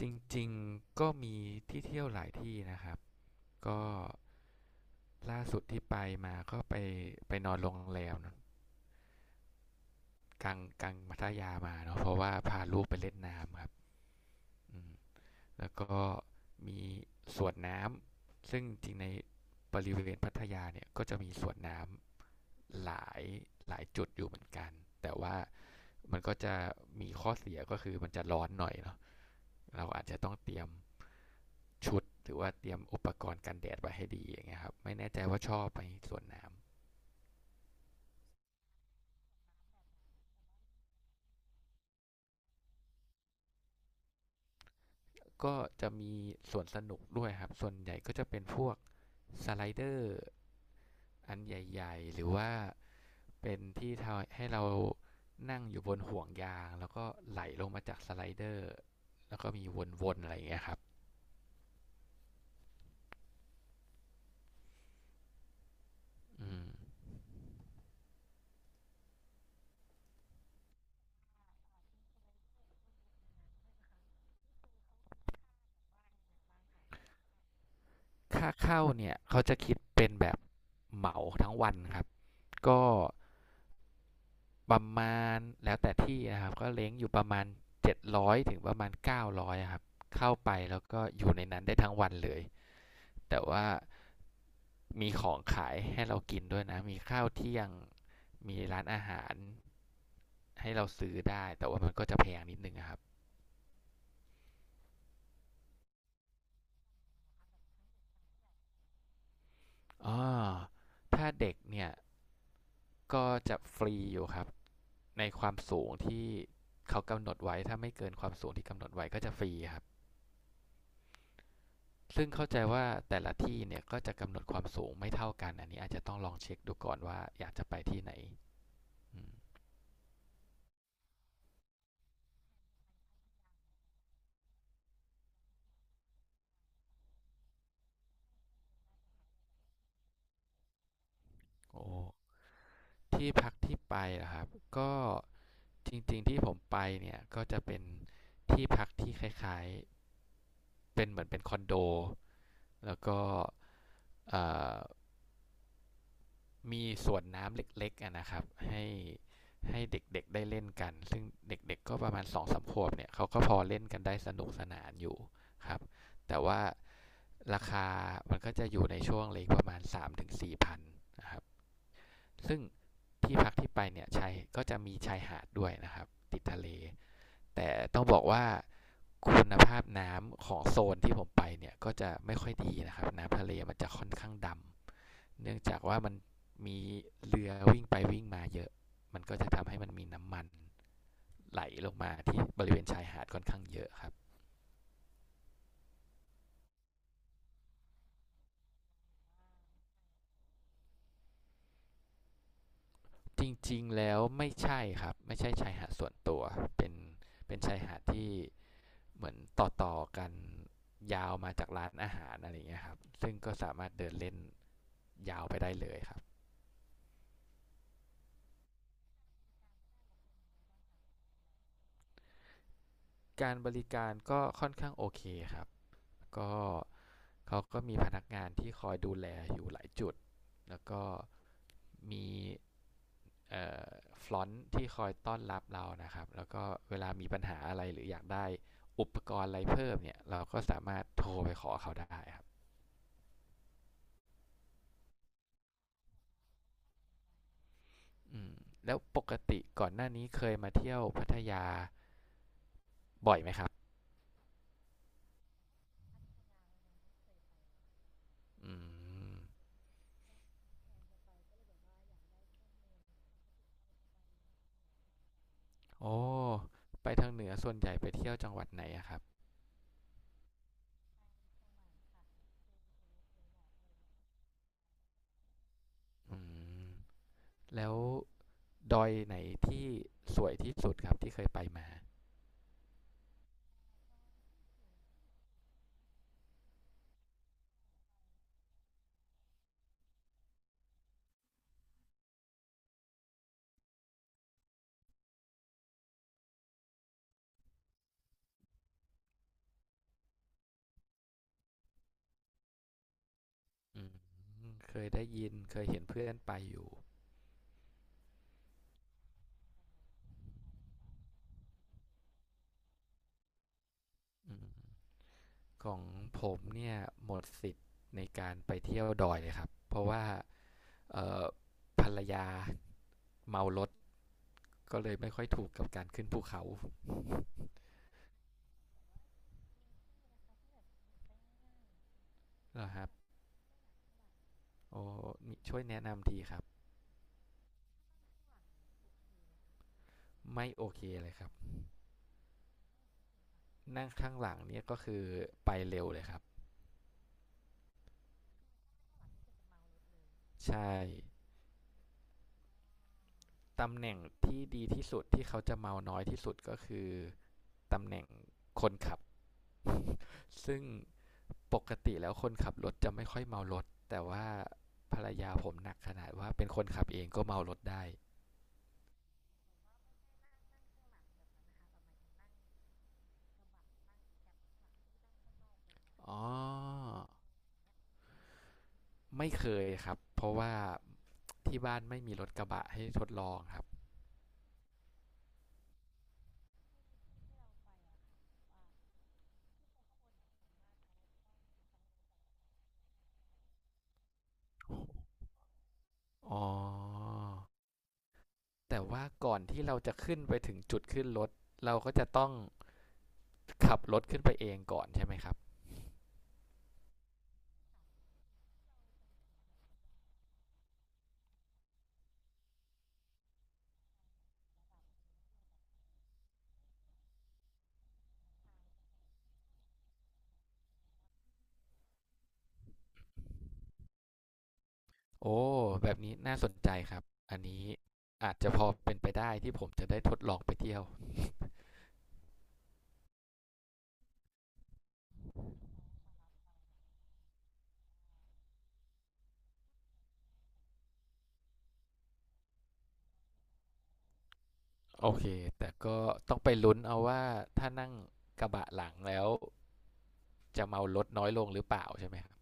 จริงๆก็มีที่เที่ยวหลายที่นะครับ ก็ล่าสุดที่ไปมาก็ไปนอนโรงแรมเนอะกลางพัทยามาเนาะเพราะว่าพาลูกไปเล่นน้ำครับอืมแล้วก็มีสวนน้ำซึ่งจริงในบริเวณพัทยาเนี่ยก็จะมีสวนน้ำหลายจุดอยู่เหมือนกันแต่ว่ามันก็จะมีข้อเสียก็คือมันจะร้อนหน่อยเนาะเราอาจจะต้องเตรียม ชุดหรือว่าเตรียมอุปกรณ์กันแดดไว้ให้ดีอย่างเงี้ยครับไม่แน่ใจว่าชอบไหมสวนน้ำก็จะมีสวนสนุกด้วยครับส่วนใหญ่ก็จะเป็นพวกสไลเดอร์อันใหญ่ๆหรือว่าเป็นที่ทำให้เรานั่งอยู่บนห่วงยางแล้วก็ไหลลงมาจากสไลเดอร์แล้วก็มีวนๆอะไรอย่างเงี้ยครับค่าเข้าเนี่ยเขาจะคิดเป็นแบบเหมาทั้งวันครับก็ ประมาณแล้วแต่ที่นะครับก็เล้งอยู่ประมาณ700ถึงประมาณ900ครับเข้าไปแล้วก็อยู่ในนั้นได้ทั้งวันเลยแต่ว่ามีของขายให้เรากินด้วยนะมีข้าวเที่ยงมีร้านอาหารให้เราซื้อได้แต่ว่ามันก็จะแพงนิดนึงะครับอ๋อถ้าเด็กเนี่ยก็จะฟรีอยู่ครับในความสูงที่เขากำหนดไว้ถ้าไม่เกินความสูงที่กำหนดไว้ก็จะฟรีครับ ซึ่งเข้าใจว่าแต่ละที่เนี่ยก็จะกำหนดความสูงไม่เท่ากันอันนี้อาจจะต้องลองเช็คดูก่อนว่าอยากจะไปที่ไหนอโอ้ที่พักที่ไปนะครับก็จริงๆที่ผมไปเนี่ยก็จะเป็นที่พักที่คล้ายๆเป็นเหมือนเป็นคอนโดแล้วก็มีสวนน้ำเล็กๆนะครับให้ให้เด็กๆได้เล่นกันซึ่งเด็กๆก็ประมาณ2 ถึง 3 ขวบเนี่ยเขาก็พอเล่นกันได้สนุกสนานอยู่ครับแต่ว่า ราคามันก็จะอยู่ในช่วงเลงประมาณ3มถึง4000นะครับซึ่งที่พักที่ไปเนี่ยชายก็จะมีชายหาดด้วยนะครับติดทะเลแต่ต้องบอกว่าคุณภาพน้ำของโซนที่ผมไปเนี่ยก็จะไม่ค่อยดีนะครับน้ำทะเลมันจะค่อนข้างดำเนื่องจากว่ามันมีเรือวิ่งไปวิ่งมาเยอะมันก็จะทำให้มันมีน้ำมันไหลลงมาที่บริเวณชายหาดค่อนข้างเยอะครับ จริงๆ แล้วไม่ใช่ครับ ไม่ใช่ชายหาดส่วนตัว เป็นเป็นชายหาดที่เหมือนต่อๆกันยาวมาจากร้านอาหารอะไรอย่างเงี้ยครับซึ่งก็สามารถเดินเล่นยาวไปได้เลยครับการบริการก็ค่อนข้างโอเคครับก็เขาก็มีพนักงานที่คอยดูแลอยู่หลายจุด แล้วก็มีเอ่อฟลอนต์ที่คอยต้อนรับเรานะครับแล้วก็เวลามีปัญหาอะไรหรืออยากได้อุปกรณ์อะไรเพิ่มเนี่ยเราก็สามารถโทรไปขอเขาได้ครับ อืมแล้วปกติก่อนหน้านี้เคยมาเที่ยวพัทยาบ่อยไหมครับ อืมโอ้ไปทางเหนือส่วนใหญ่ไปเที่ยวจังหวัดไหนอะครับอืมแล้วดอยไหนที่สวยที่สุดครับที่เคยไปมาอืมเคยได้ยินเคยเห็นเพื่อนไปอยู่อืมของผมเนี่ยหมดสิทธิ์ในการไปเที่ยวดอยเลยครับ เพราะว่าเอ่อภรรยาเมารถก็เลยไม่ค่อยถูกกับการขึ้นภูเขาเหรอฮะ โอ้ มีช่วยแนะนำทีครับ ไม่โอเคเลยครับนั่งข้างหลังเนี่ยก็คือไปเร็วเลยครับ ใช่ ตำแหน่งที่ดีที่สุดที่เขาจะเมาน้อยที่สุดก็คือตำแหน่งคนขับ ซึ่งปกติแล้วคนขับรถจะไม่ค่อยเมารถแต่ว่าภรรยาผมหนักขนาดว่าเป็นคนขับเองก็เมารถได้อ๋อไม่เคยครับ เพราะว่าที่บ้านไม่มีรถกระบะให้ทดลองครับอ๋อ แต่ว่าก่อนที่เราจะขึ้นไปถึงจุดขึ้นรถเราก็จะต้องขับรถขึ้นไปเองก่อนใช่ไหมครับ โอ้แบบนี้น่าสนใจครับอันนี้อาจจะพอเป็นไปได้ที่ผมจะได้ทดลองไปเที่ยวโอเคแต่ก็ต้องไปลุ้นเอาว่าถ้านั่งกระบะหลังแล้วจะเมารถน้อยลงหรือเปล่าใช่ไหมครับ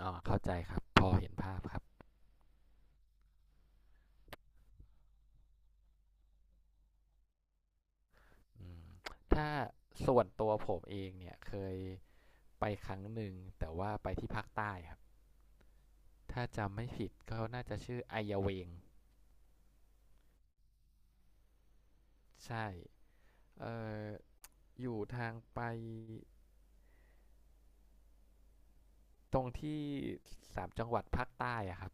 อ๋อเข้าใจครับ พอเห็นภาพครับ ถ้าส่วนตัวผมเองเนี่ยเคยไปครั้งหนึ่งแต่ว่าไปที่ภาคใต้ครับ ถ้าจำไม่ผิดก็น่าจะชื่อไอยาเวง ใช่เอ่ออยู่ทางไปตรงที่สามจังหวัดภาคใต้อะครับ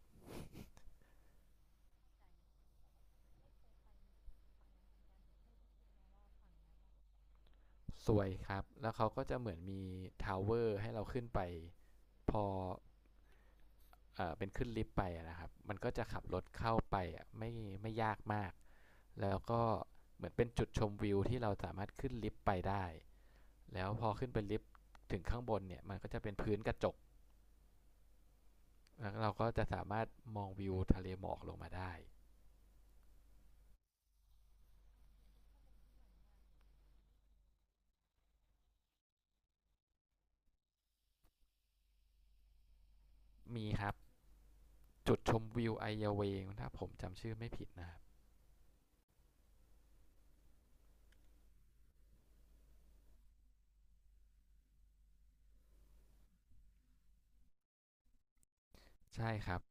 สวยครับแล้วเขาก็จะเหมือนมีทาวเวอร์ให้เราขึ้นไปพอเป็นขึ้นลิฟต์ไปอะนะครับมันก็จะขับรถเข้าไปอะไม่ยากมากแล้วก็เหมือนเป็นจุดชมวิวที่เราสามารถขึ้นลิฟต์ไปได้แล้วพอขึ้นไปลิฟต์ถึงข้างบนเนี่ยมันก็จะเป็นพื้นกระจกแล้วเราก็จะสามารถมองวิวทะเลหมอกลงมาได้มีครับ จุดชมวิวไอเยาเวงถ้าผมจำชื่อไม่ผิดนะครับใช่ครับ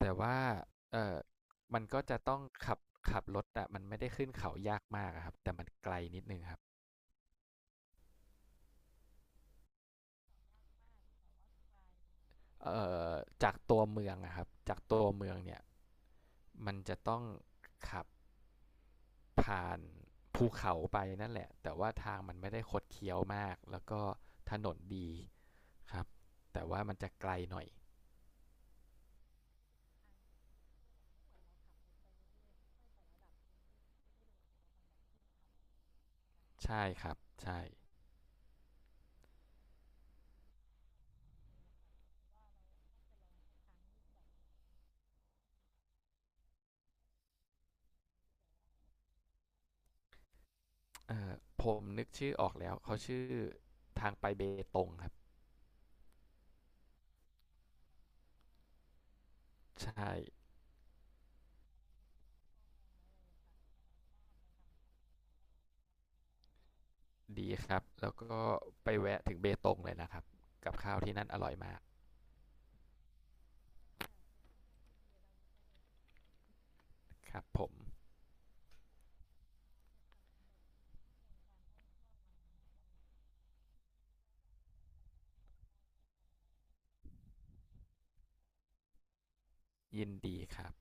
แต่ว่าเออมันก็จะต้องขับรถอะมันไม่ได้ขึ้นเขายากมากอะครับแต่มันไกลนิดนึงครับเออจากตัวเมืองอะครับจากตัวเมืองเนี่ยมันจะต้องขับผ่านภูเขาไปนั่นแหละแต่ว่าทางมันไม่ได้คดเคี้ยวมากแล้วก็ถนนดีครับแต่ว่ามันจะไกลหน่อยใช่ครับใช่ เอ่อผมนึกชื่อออกแล้วเขาชื่อทางไปเบตงครับใช่ดีครับแล้วก็ไปแวะถึงเบตงเลยนะครับกับข้าวที่นั่นอร่อยมากครับผมยินดีครับ